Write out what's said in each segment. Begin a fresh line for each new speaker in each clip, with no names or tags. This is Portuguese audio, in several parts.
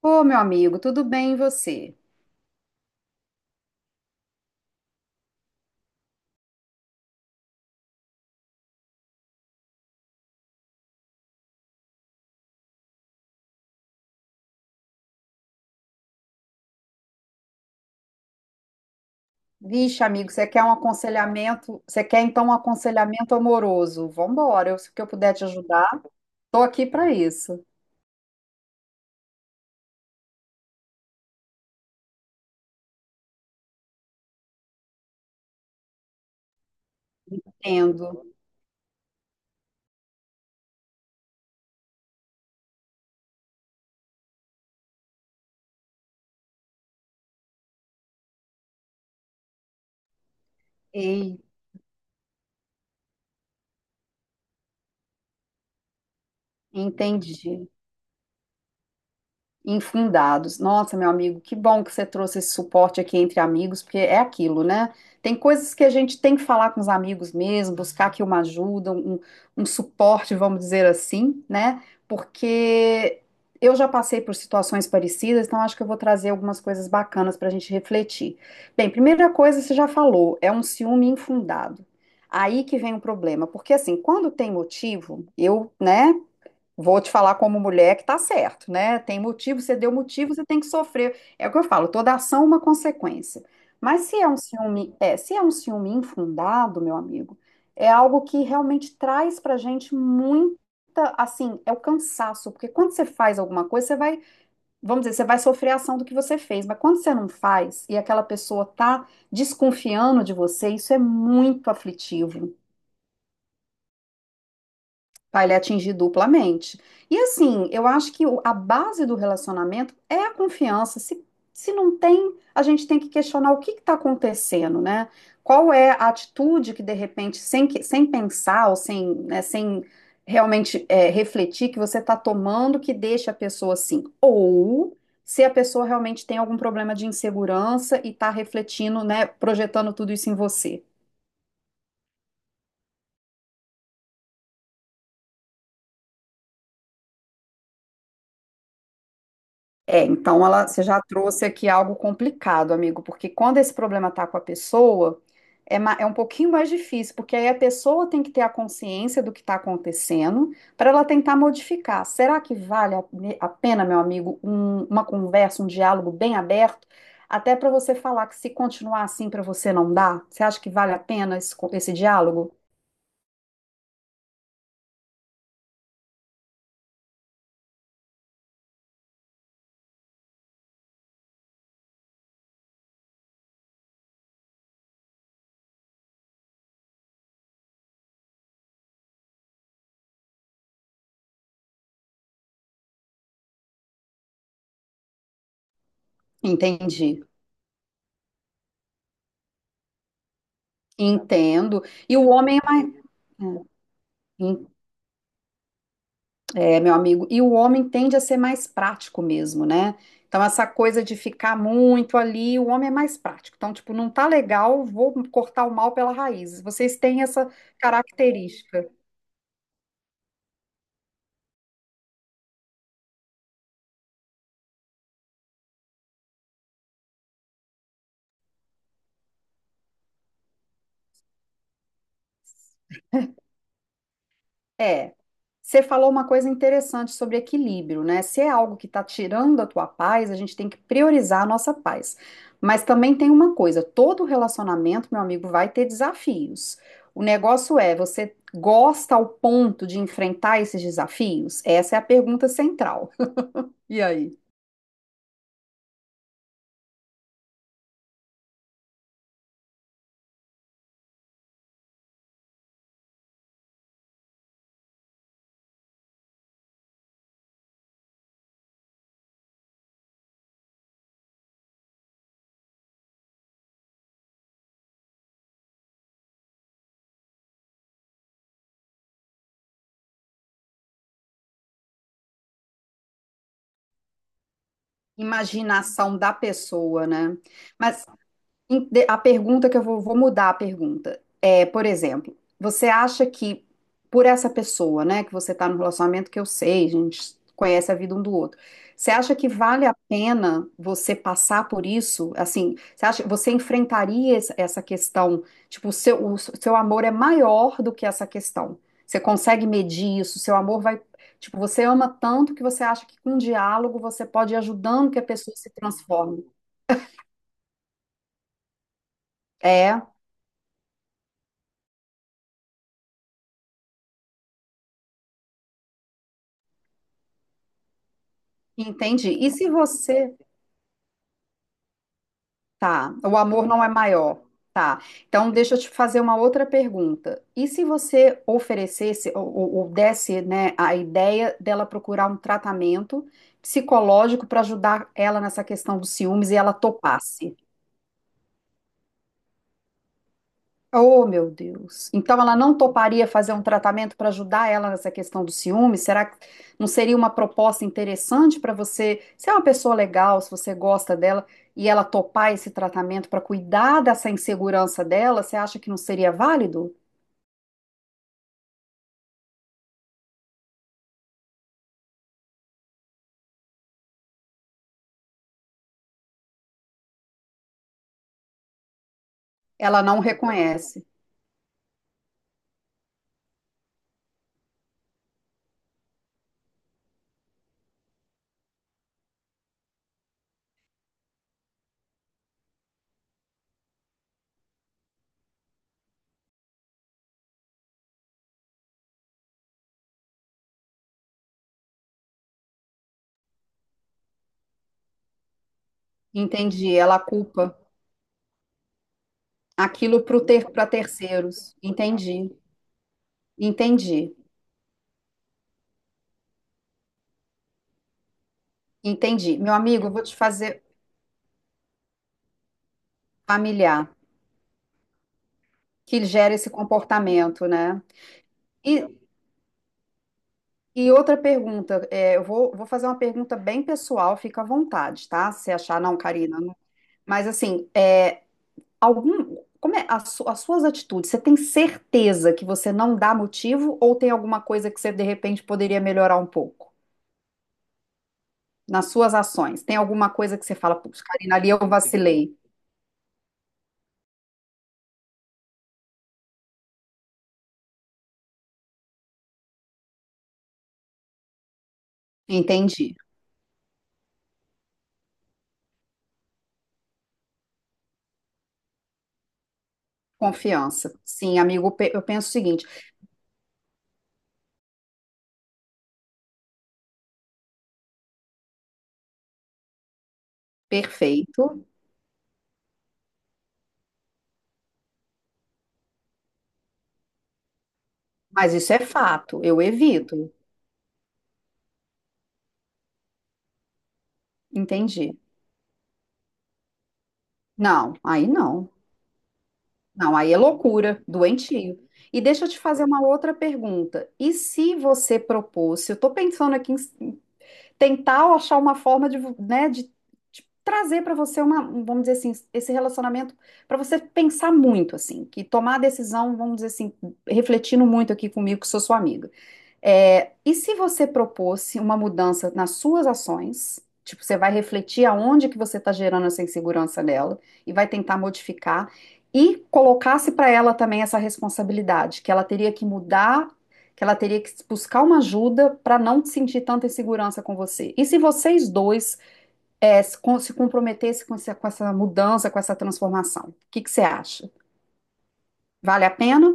Ô, meu amigo, tudo bem e você? Vixe, amigo, você quer um aconselhamento? Você quer então um aconselhamento amoroso? Vambora, eu, se eu puder te ajudar, tô aqui para isso. Entendo. Ei, entendi. Infundados. Nossa, meu amigo, que bom que você trouxe esse suporte aqui entre amigos, porque é aquilo, né? Tem coisas que a gente tem que falar com os amigos mesmo, buscar aqui uma ajuda, um suporte, vamos dizer assim, né? Porque eu já passei por situações parecidas, então acho que eu vou trazer algumas coisas bacanas para a gente refletir. Bem, primeira coisa, você já falou, é um ciúme infundado. Aí que vem o problema, porque assim, quando tem motivo, eu, né? Vou te falar como mulher que tá certo, né? Tem motivo, você deu motivo, você tem que sofrer. É o que eu falo, toda ação é uma consequência. Mas se é um ciúme, se é um ciúme infundado, meu amigo, é algo que realmente traz pra gente muita, assim, é o cansaço, porque quando você faz alguma coisa, você vai, vamos dizer, você vai sofrer a ação do que você fez, mas quando você não faz e aquela pessoa tá desconfiando de você, isso é muito aflitivo. Para ele atingir duplamente. E assim, eu acho que a base do relacionamento é a confiança. Se não tem, a gente tem que questionar o que está acontecendo, né? Qual é a atitude que, de repente, sem pensar ou sem, né, sem realmente refletir, que você está tomando que deixa a pessoa assim? Ou se a pessoa realmente tem algum problema de insegurança e está refletindo, né, projetando tudo isso em você. É, então ela, você já trouxe aqui algo complicado, amigo, porque quando esse problema tá com a pessoa, é um pouquinho mais difícil, porque aí a pessoa tem que ter a consciência do que está acontecendo para ela tentar modificar. Será que vale a pena, meu amigo, uma conversa, um diálogo bem aberto, até para você falar que se continuar assim para você não dá? Você acha que vale a pena esse diálogo? Entendi, entendo. E o homem é mais. é, É, meu amigo, e o homem tende a ser mais prático mesmo, né? Então, essa coisa de ficar muito ali, o homem é mais prático. Então, tipo, não tá legal, vou cortar o mal pela raiz. Vocês têm essa característica. É, você falou uma coisa interessante sobre equilíbrio, né? Se é algo que está tirando a tua paz, a gente tem que priorizar a nossa paz. Mas também tem uma coisa, todo relacionamento, meu amigo, vai ter desafios. O negócio é, você gosta ao ponto de enfrentar esses desafios? Essa é a pergunta central. E aí? Imaginação da pessoa, né? Mas a pergunta que vou mudar a pergunta é, por exemplo, você acha que por essa pessoa, né, que você está no relacionamento que eu sei, a gente conhece a vida um do outro, você acha que vale a pena você passar por isso? Assim, você acha, você enfrentaria essa questão? Tipo, o seu amor é maior do que essa questão. Você consegue medir isso? Seu amor vai, tipo, você ama tanto que você acha que com diálogo você pode ir ajudando que a pessoa se transforme. É. Entendi. E se você tá, o amor não é maior, tá? Então deixa eu te fazer uma outra pergunta. E se você oferecesse ou desse, né, a ideia dela procurar um tratamento psicológico para ajudar ela nessa questão dos ciúmes e ela topasse? Oh, meu Deus. Então ela não toparia fazer um tratamento para ajudar ela nessa questão do ciúme? Será que não seria uma proposta interessante para você, se é uma pessoa legal, se você gosta dela, e ela topar esse tratamento para cuidar dessa insegurança dela, você acha que não seria válido? Ela não reconhece. Entendi. Ela culpa aquilo para terceiros. Entendi. Entendi. Meu amigo, eu vou te fazer familiar que gera esse comportamento, né? E E outra pergunta, é, vou fazer uma pergunta bem pessoal, fica à vontade, tá? Se achar, não, Karina. Não- Mas assim, é, algum, como é as suas atitudes? Você tem certeza que você não dá motivo ou tem alguma coisa que você de repente poderia melhorar um pouco nas suas ações? Tem alguma coisa que você fala, putz, Karina, ali eu vacilei. Entendi. Confiança. Sim, amigo, pe- eu penso o seguinte, perfeito, mas isso é fato, eu evito. Entendi. Não, aí não. Não, aí é loucura, doentio. E deixa eu te fazer uma outra pergunta. E se você propôs, se eu estou pensando aqui em tentar achar uma forma de trazer para você vamos dizer assim, esse relacionamento para você pensar muito assim, que tomar a decisão, vamos dizer assim, refletindo muito aqui comigo, que sou sua amiga. É, e se você propôsse uma mudança nas suas ações, tipo, você vai refletir aonde que você está gerando essa insegurança nela e vai tentar modificar e colocasse para ela também essa responsabilidade, que ela teria que mudar, que ela teria que buscar uma ajuda para não sentir tanta insegurança com você. E se vocês dois se comprometessem com essa mudança, com essa transformação, o que que você acha? Vale a pena?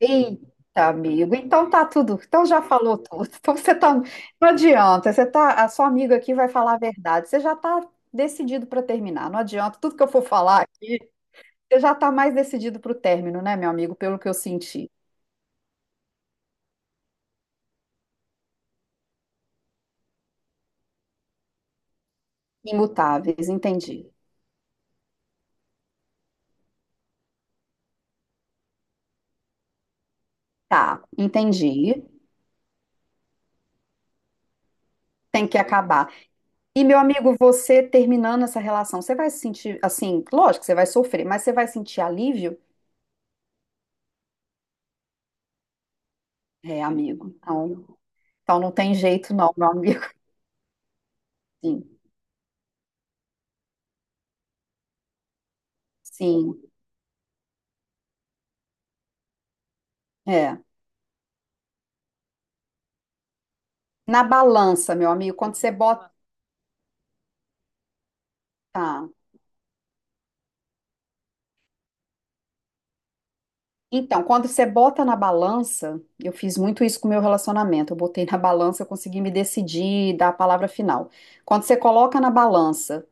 Eita, amigo. Então tá tudo. Então já falou tudo. Então você tá. Não adianta. Você tá. A sua amiga aqui vai falar a verdade. Você já tá decidido para terminar. Não adianta. Tudo que eu for falar aqui, você já tá mais decidido para o término, né, meu amigo? Pelo que eu senti. Imutáveis, entendi. Tá, entendi. Tem que acabar. E, meu amigo, você terminando essa relação, você vai se sentir assim, lógico que você vai sofrer, mas você vai sentir alívio? É, amigo. Então, então não tem jeito, não, meu amigo. Sim, sim. É. Na balança, meu amigo, quando você bota. Então, quando você bota na balança, eu fiz muito isso com o meu relacionamento. Eu botei na balança, eu consegui me decidir, dar a palavra final. Quando você coloca na balança,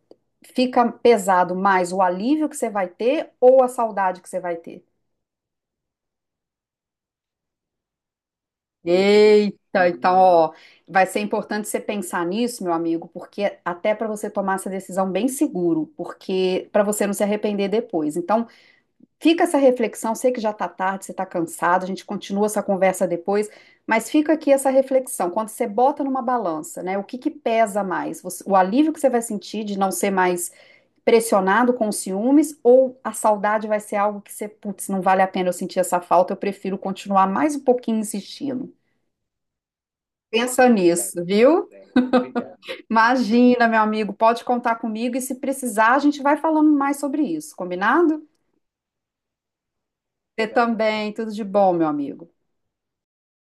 fica pesado mais o alívio que você vai ter ou a saudade que você vai ter? Eita, então, ó, vai ser importante você pensar nisso, meu amigo, porque até para você tomar essa decisão bem seguro, porque para você não se arrepender depois. Então, fica essa reflexão, sei que já está tarde, você está cansado, a gente continua essa conversa depois, mas fica aqui essa reflexão. Quando você bota numa balança, né, o que que pesa mais? Você- o alívio que você vai sentir de não ser mais pressionado com os ciúmes ou a saudade vai ser algo que você, putz, não vale a pena eu sentir essa falta, eu prefiro continuar mais um pouquinho insistindo. Pensa nisso, viu? Imagina, meu amigo, pode contar comigo e se precisar, a gente vai falando mais sobre isso, combinado? Você também, tudo de bom, meu amigo.